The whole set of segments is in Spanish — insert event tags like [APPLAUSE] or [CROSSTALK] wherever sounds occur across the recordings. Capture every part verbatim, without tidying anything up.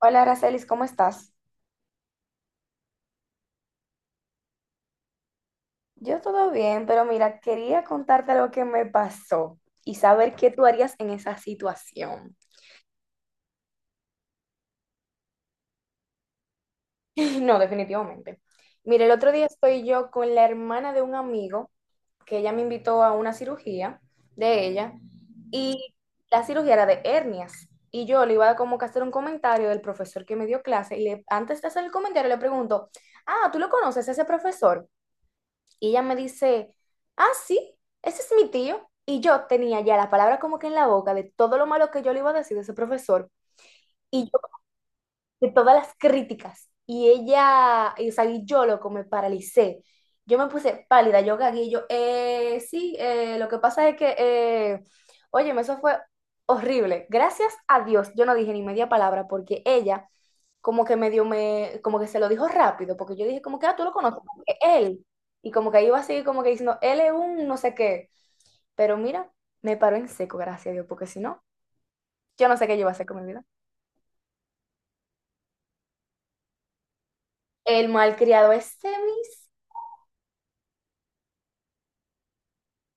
Hola, Aracelis, ¿cómo estás? Yo todo bien, pero mira, quería contarte lo que me pasó y saber qué tú harías en esa situación. [LAUGHS] No, definitivamente. Mira, el otro día estoy yo con la hermana de un amigo que ella me invitó a una cirugía de ella y la cirugía era de hernias y yo le iba a como que a hacer un comentario del profesor que me dio clase y le- antes de hacer el comentario le pregunto, ah, ¿tú lo conoces ese profesor? Y ella me dice, ah, sí, ese es mi tío. Y yo tenía ya la palabra como que en la boca de todo lo malo que yo le iba a decir de ese profesor. Y de todas las críticas. Y ella, y, o sea, y yo loco, me paralicé. Yo me puse pálida, yo gagué, y yo, eh, sí, eh, lo que pasa es que, eh, óyeme, eso fue horrible. Gracias a Dios, yo no dije ni media palabra porque ella como que medio me, como que se lo dijo rápido, porque yo dije como que, ah, tú lo conoces, como que él. Y como que ahí iba a seguir como que diciendo, él es un no sé qué. Pero mira, me paró en seco, gracias a Dios, porque si no, yo no sé qué yo iba a hacer con mi vida. El malcriado este mis.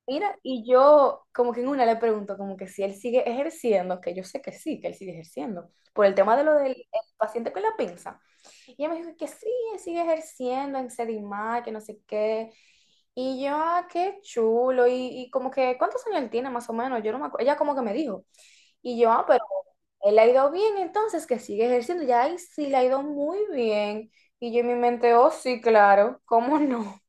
Mira, y yo como que en una le pregunto como que si él sigue ejerciendo, que yo sé que sí, que él sigue ejerciendo, por el tema de lo del el paciente con la pinza. Y ella me dijo que sí, él sigue ejerciendo en Sedimar, que no sé qué. Y yo, ah, qué chulo. Y, y como que, ¿cuántos años él tiene más o menos? Yo no me acuerdo. Ella como que me dijo. Y yo, ah, pero él ha ido bien, entonces que sigue ejerciendo. Ya ahí sí le ha ido muy bien. Y yo en mi mente, oh, sí, claro, ¿cómo no?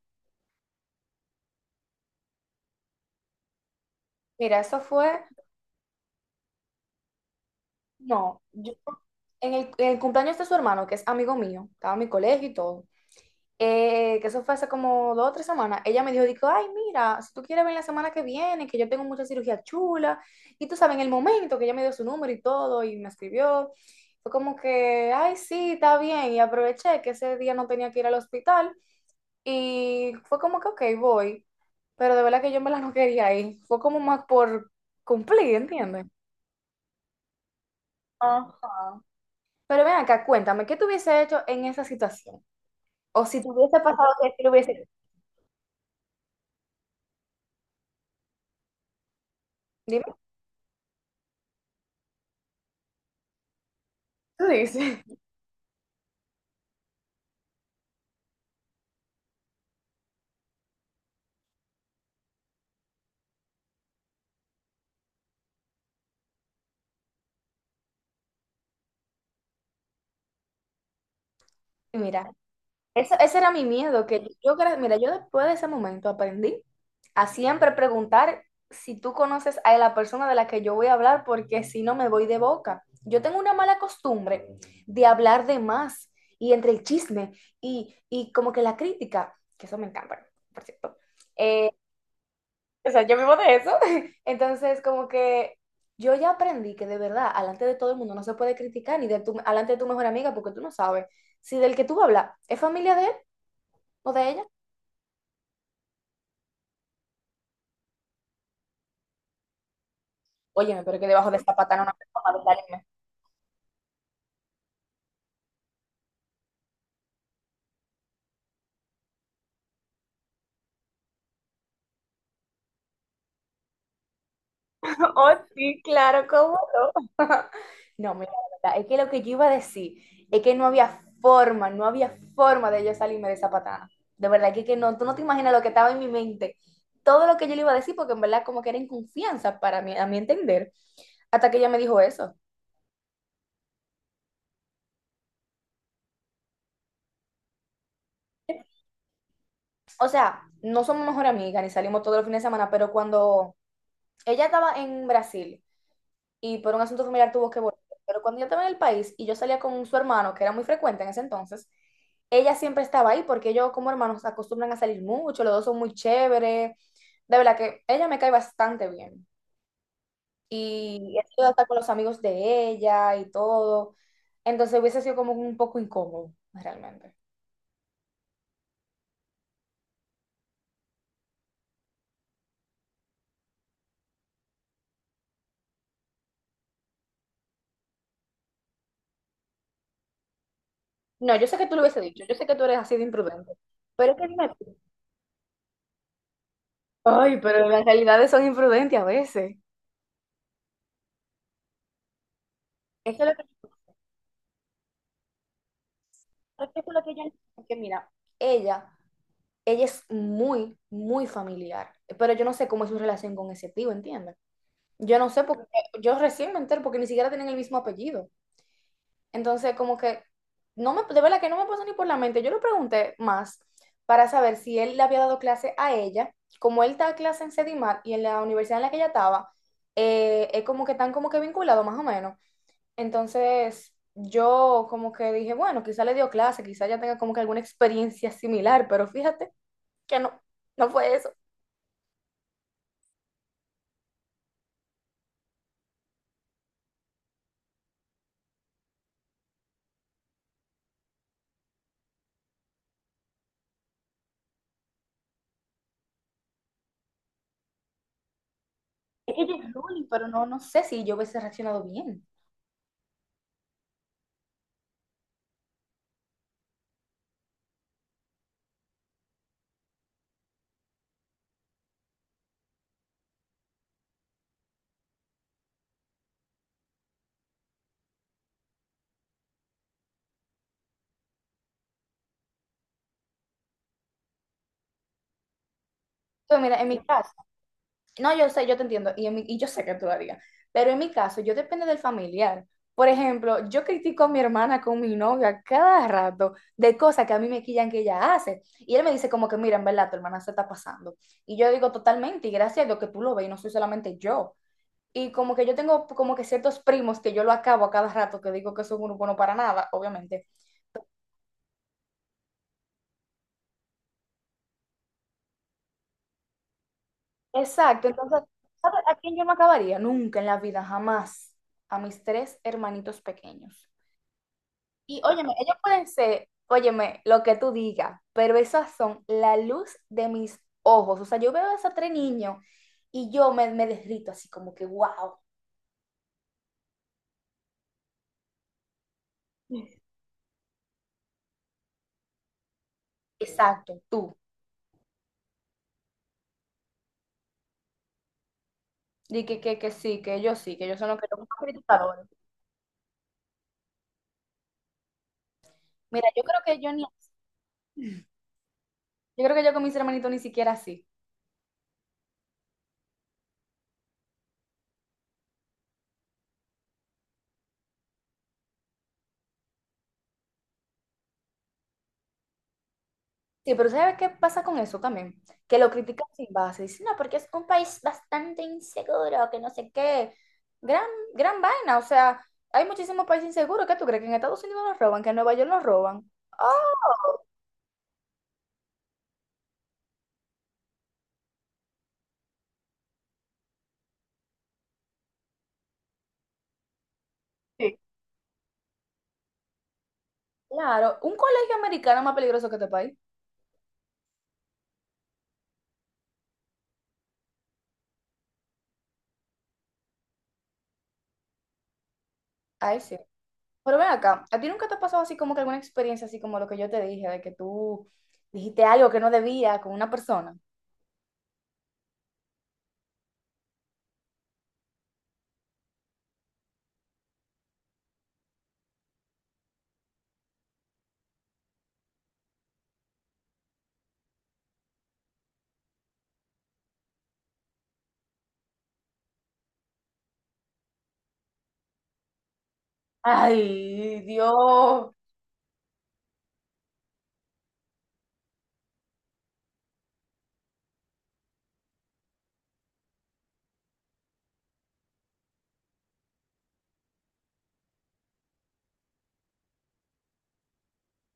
Mira, eso fue, no, yo En el, en el cumpleaños de su hermano, que es amigo mío, estaba en mi colegio y todo, eh, que eso fue hace como dos o tres semanas, ella me dijo, dijo, ay, mira, si tú quieres venir la semana que viene, que yo tengo mucha cirugía chula, y tú sabes, en el momento que ella me dio su número y todo, y me escribió, fue como que, ay, sí, está bien, y aproveché que ese día no tenía que ir al hospital, y fue como que, ok, voy, pero de verdad que yo me la no quería ir, fue como más por cumplir, ¿entiendes? Ajá. Pero ven acá, cuéntame, ¿qué tú hubiese hecho en esa situación? O si te hubiese pasado que te lo hubiese... Dime. Tú dices. Mira, eso- ese era mi miedo, que yo, gra- mira, yo después de ese momento aprendí a siempre preguntar si tú conoces a la persona de la que yo voy a hablar, porque si no me voy de boca. Yo tengo una mala costumbre de hablar de más y entre el chisme y, y como que la crítica, que eso me encanta, por cierto. eh, O sea, yo vivo de eso. [LAUGHS] Entonces, como que yo ya aprendí que de verdad, alante de todo el mundo no se puede criticar, ni de tu, alante de tu mejor amiga, porque tú no sabes si del que tú hablas es familia de él o de ella. Óyeme, pero que debajo de esa patana una persona, de tal y me- [LAUGHS] Oh, sí, claro, cómo no. [LAUGHS] No, mira, la verdad, es que lo que yo iba a decir es que no había forma, no había forma de yo salirme de esa patada. De verdad que, que no, tú no te imaginas lo que estaba en mi mente. Todo lo que yo le iba a decir, porque en verdad como que era inconfianza para mí, a mi entender, hasta que ella me dijo eso. O sea, no somos mejor amigas ni salimos todos los fines de semana, pero cuando ella estaba en Brasil y por un asunto familiar tuvo que volver. Pero cuando yo estaba en el país y yo salía con su hermano, que era muy frecuente en ese entonces, ella siempre estaba ahí porque ellos como hermanos acostumbran a salir mucho, los dos son muy chéveres. De verdad que ella me cae bastante bien. Y he ido hasta con los amigos de ella y todo. Entonces hubiese sido como un poco incómodo, realmente. No, yo sé que tú lo hubiese dicho, yo sé que tú eres así de imprudente. Pero es que dime tú. Ay, pero las realidades son imprudentes a veces. Es que lo que, es que eso es lo que ella... Es que mira, ella ella es muy, muy familiar, pero yo no sé cómo es su relación con ese tío, ¿entiendes? Yo no sé porque yo recién me entero porque ni siquiera tienen el mismo apellido. Entonces, como que no me, de verdad que no me pasó ni por la mente. Yo le pregunté más para saber si él le había dado clase a ella, como él está clase en Sedimar y en la universidad en la que ella estaba, eh, es como que están como que vinculados más o menos. Entonces, yo como que dije, bueno, quizá le dio clase, quizá ya tenga como que alguna experiencia similar, pero fíjate que no, no fue eso. Es que yo es Luli, pero no, no sé si yo hubiese reaccionado bien. Entonces, mira, en mi caso, no, yo sé, yo te entiendo, y, en mi- y yo sé que tú lo harías, pero en mi caso, yo depende del familiar. Por ejemplo, yo critico a mi hermana con mi novia cada rato de cosas que a mí me quillan que ella hace. Y él me dice como que, mira, en verdad, tu hermana se está pasando. Y yo digo totalmente, y gracias a Dios que tú lo ves, y no soy solamente yo. Y como que yo tengo como que ciertos primos que yo lo acabo a cada rato, que digo que son unos buenos para nada, obviamente. Exacto, entonces, ¿sabes a quién yo me acabaría? Nunca en la vida, jamás. A mis tres hermanitos pequeños. Y óyeme, ellos pueden ser, óyeme, lo que tú digas, pero esas son la luz de mis ojos. O sea, yo veo a esos tres niños y yo me, me derrito así como que, wow, exacto, tú. Y que, que, que sí, que ellos sí, que ellos son los que los más criticadores. Mira, yo creo que yo ni, yo creo que yo con mis hermanitos ni siquiera así. Sí, pero ¿sabes qué pasa con eso también? Que lo critican sin base. Dicen, no, porque es un país bastante inseguro, que no sé qué. Gran, gran vaina. O sea, hay muchísimos países inseguros. ¿Qué tú crees? ¿Que en Estados Unidos nos roban? ¿Que en Nueva York nos roban? Oh, sí, claro. ¿Un colegio americano es más peligroso que este país? Ahí sí. Pero ven acá, ¿a ti nunca te ha pasado así como que alguna experiencia así como lo que yo te dije, de que tú dijiste algo que no debía con una persona? Ay, Dios.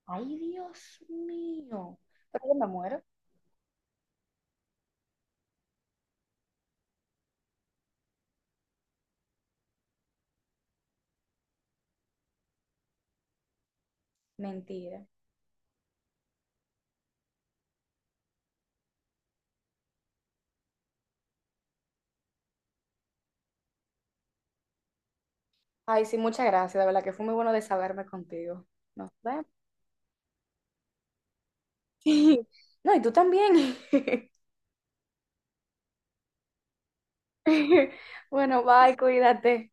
Ay, Dios mío. Pero yo me muero. Mentira. Ay, sí, muchas gracias, de verdad que fue muy bueno desahogarme contigo. Nos vemos. [LAUGHS] No, y tú también. [LAUGHS] Bueno, bye, cuídate.